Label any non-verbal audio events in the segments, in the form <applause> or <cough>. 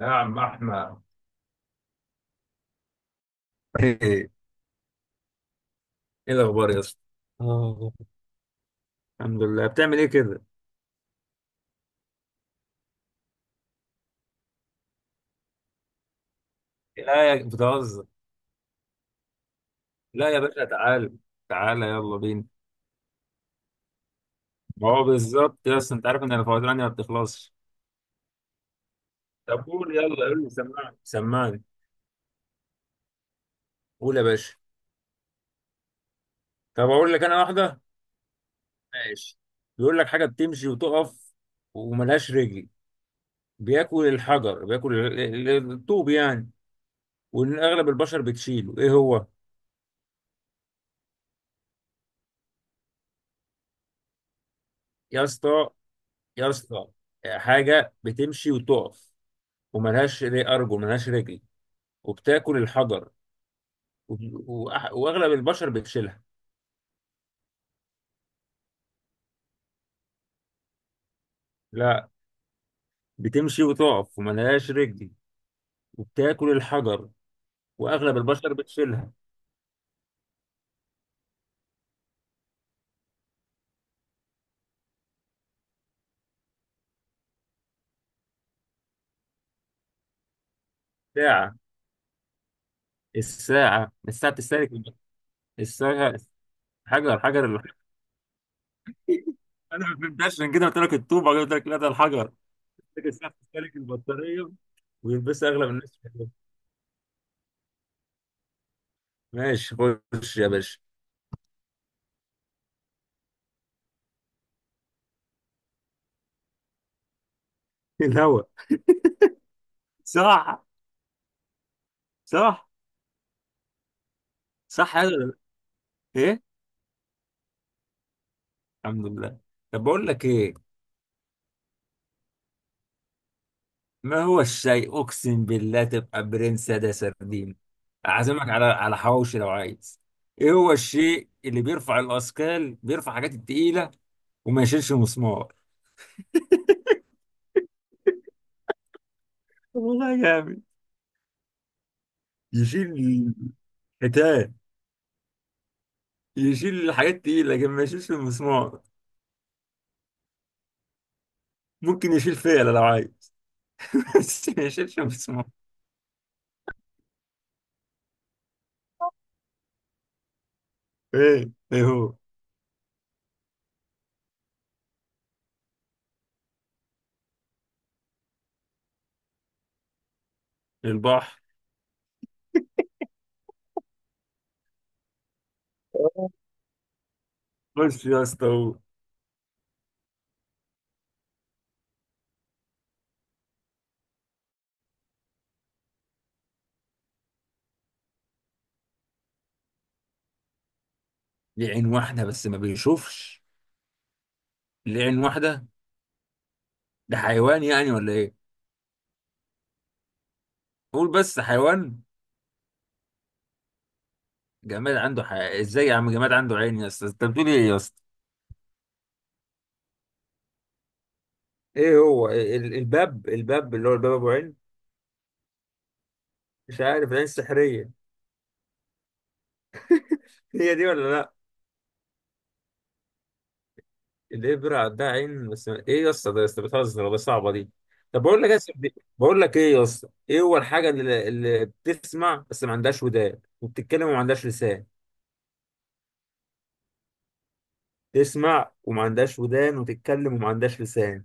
يا عم احمد، ايه إيه؟ الاخبار يا اسطى. اه، الحمد لله. بتعمل ايه كده؟ لا يا بتهزر. لا يا باشا، تعال، تعال يلا بينا. ما هو بالظبط يا اسطى، انت عارف ان الفوازير عندي ما بتخلصش. طب قول يلا، قول لي، سمعني سمعني. قول يا باشا. طب اقول لك انا واحده. ماشي، بيقول لك حاجه بتمشي وتقف وملهاش رجل، بياكل الحجر، بياكل الطوب يعني، وان اغلب البشر بتشيله، ايه هو؟ يا اسطى، يا اسطى، حاجه بتمشي وتقف وملهاش أرجل، ملهاش رجل، وبتاكل الحجر، وأغلب البشر بتشيلها. لا، بتمشي وتقف وملهاش رجل، وبتاكل الحجر، وأغلب البشر بتشيلها. ساعة. الساعة بتستهلك الساعة. حجر حجر الحجر. أنا ما فهمتهاش، عشان كده قلت لك الطوبة، قلت لك لا ده الحجر. لكن الساعة بتستهلك البطارية، ويلبسها أغلب الناس. ماشي، خش يا باشا. <laughs> الهوا. صح. صح. صح هذا. ايه؟ الحمد لله. طب بقول لك ايه، ما هو الشيء اقسم بالله تبقى برنس، ده سردين. اعزمك على على حواوشي لو عايز. ايه هو الشيء اللي بيرفع الاثقال، بيرفع حاجات التقيله، وما يشيلش مسمار؟ طب والله جامد. يشيل حيتان، يشيل الحاجات التقيله لكن ما يشيلش المسمار، ممكن يشيل فيلة لو عايز، <laughs> بس ما يشيلش مسمار. ايه، ايه هو؟ البحر. خش يا اسطى هو. لعين واحده بس ما بيشوفش، لعين واحده. ده حيوان يعني ولا ايه؟ قول بس حيوان. جماد عنده ازاي يا عم؟ جماد عنده عين يا اسطى؟ انت بتقول ايه يا اسطى؟ ايه هو الباب، الباب اللي هو الباب ابو عين، مش عارف، العين السحريه، هي دي ولا لا؟ الابره عندها عين، بس ايه يا اسطى؟ ده يا اسطى بتهزر ولا صعبه دي؟ طب بقول لك يا اسطى بقول لك ايه يا اسطى، ايه هو الحاجه اللي بتسمع بس ما عندهاش ودان، وبتتكلم وما عندهاش لسان؟ تسمع وما عندهاش ودان، وتتكلم وما عندهاش لسان.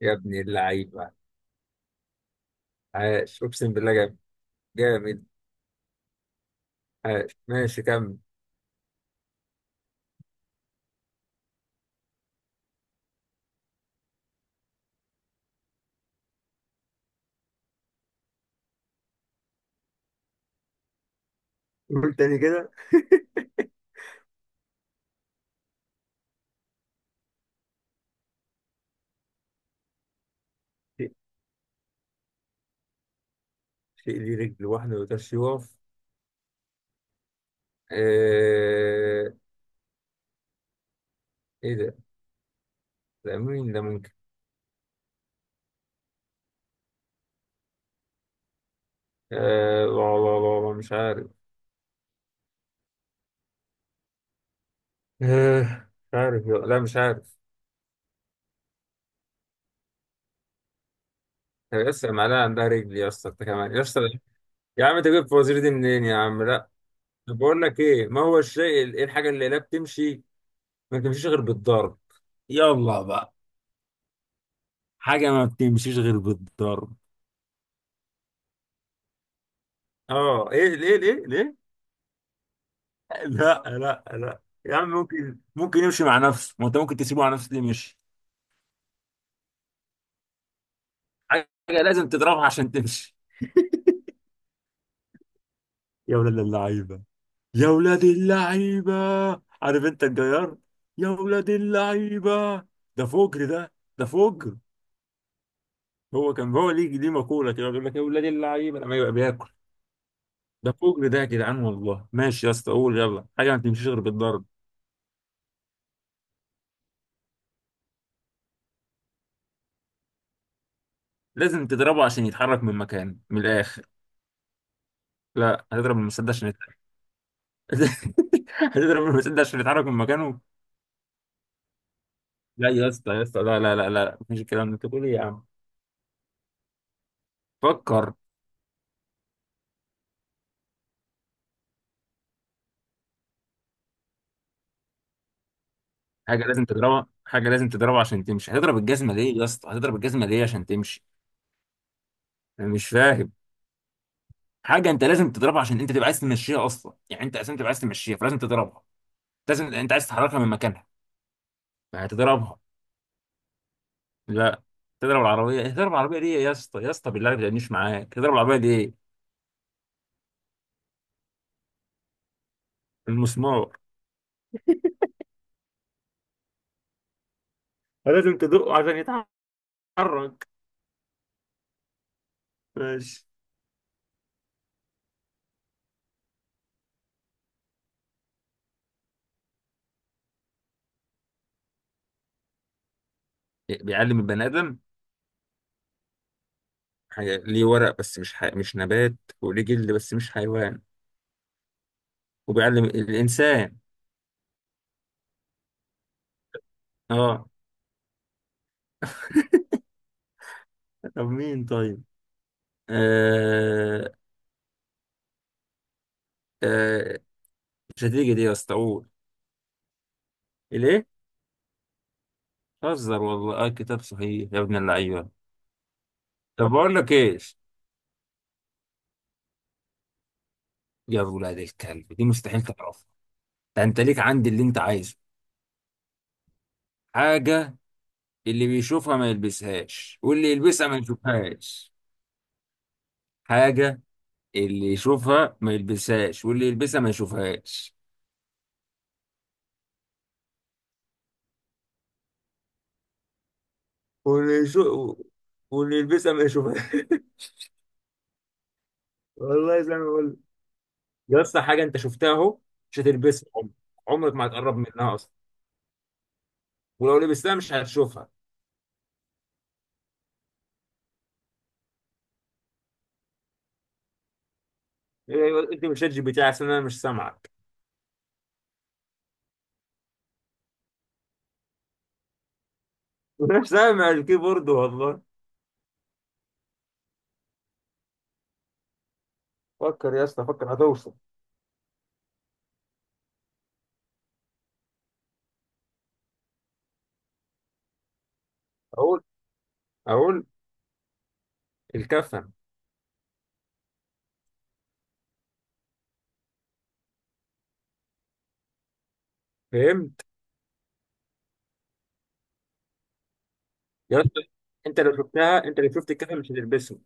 يا ابن اللعيبه، عاش اقسم بالله جامد، جامد، عاش، ماشي كمل. قول تاني كده. <laughs> شيء، شيء ليه رجل واحدة ما يقدرش يقف؟ آه... إيه ده؟ ده مين ده ممكن؟ لا لا لا لا، مش عارف. مش عارف لا مش عارف. يا اسطى المعلقة عندها رجل يا اسطى، أنت كمان يا اسطى. يا عم أنت جبت الفوازير دي منين يا عم؟ لا، طب بقول لك إيه، ما هو الشيء إيه الحاجة اللي لا بتمشي، ما بتمشيش غير بالضرب؟ يلا بقى. حاجة ما بتمشيش غير بالضرب. اه ايه، ليه ليه ليه؟ لا لا لا يا عم، ممكن ممكن يمشي مع نفسه، ما انت ممكن تسيبه على نفسه ليه مشي. حاجه لازم تضربها عشان تمشي. يا ولاد اللعيبه، يا ولاد اللعيبه، عارف انت الجيار، يا ولاد اللعيبه، ده فجر ده، ده فجر. هو كان هو ليه ليه مقوله كده، بيقول لك يا ولاد اللعيبه لما يبقى بياكل، ده فجر ده يا جدعان. والله ماشي يا اسطى، قول يلا حاجه ما تمشيش غير بالضرب، لازم تضربه عشان يتحرك من مكانه من الاخر. لا، هتضرب المسدس عشان يتحرك؟ <laughs> هتضرب المسدس عشان يتحرك من مكانه؟ لا يا اسطى، يا اسطى، لا لا لا لا، مفيش الكلام ده، انت بتقول ايه يا عم؟ فكر. حاجه لازم تضربها، حاجه لازم تضربها عشان تمشي، هتضرب الجزمه ليه يا اسطى؟ هتضرب الجزمه ليه عشان تمشي؟ انا مش فاهم. حاجه انت لازم تضربها عشان انت تبقى عايز تمشيها اصلا، يعني انت اساسا تبقى عايز تمشيها فلازم تضربها، لازم، انت عايز تحركها من مكانها فهتضربها. لا، تضرب العربيه؟ ايه؟ تضرب العربيه ليه يا اسطى؟ يا اسطى بالله ما تجنيش معاك، تضرب العربيه ليه؟ المسمار، لازم تدقه عشان يتحرك. ماشي. بيعلم البني ادم. حاجة ليه ورق بس مش مش نبات، وليه جلد بس مش حيوان، وبيعلم الإنسان. اه. طب مين طيب؟ آه... آه... مش هتيجي دي يا اسطى، قول. ليه؟ هزر والله، اه كتاب صحيح، يا ابن اللعيبة. طب بقول لك ايش؟ يا ولاد الكلب دي مستحيل تعرفها، ده انت ليك عندي اللي انت عايزه. حاجة اللي بيشوفها ما يلبسهاش، واللي يلبسها ما يشوفهاش. حاجة اللي يشوفها ما يلبسهاش، واللي يلبسها ما يشوفهاش. ونشو، واللي يلبسها ما يشوفها. <laughs> والله زي ما بقول، يا اسطى حاجه انت شفتها اهو، مش هتلبسها عمرك، عمرك ما هتقرب منها اصلا، ولو لبستها مش هتشوفها. إيه، انت مش شات جي بي تي عشان انا مش سامعك. <laughs> مش سامع الكيبورد والله. فكر يا اسطى، فكر هتوصل. اقول، اقول الكفن. فهمت يا اسطى، انت لو شفتها، انت لو شفت الكفن مش هتلبسه.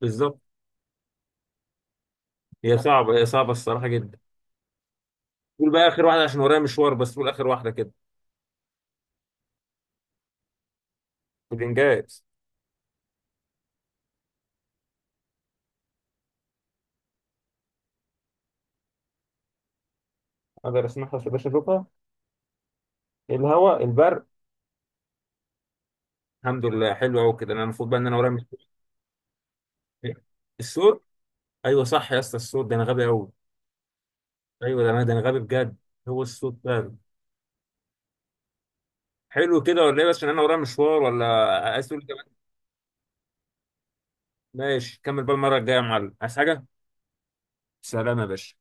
بالظبط. هي صعبه، هي صعبه الصراحه جدا. قول بقى اخر واحده عشان ورايا مشوار، بس قول اخر واحده كده. بالانجاز. اقدر اسمعها بس باش اشوفها؟ الهواء، البرق. الحمد لله، حلو قوي كده، انا المفروض بقى ان انا ورايا الصوت. ايوه صح يا اسطى، الصوت، ده انا غبي قوي، ايوه، ده انا غبي بجد، هو الصوت فعلا. حلو كده ولا ايه؟ بس عشان انا ورايا مشوار ولا. عايز تقول كمان؟ ماشي، كمل بقى المره الجايه يا معلم، عايز حاجه؟ سلام يا باشا.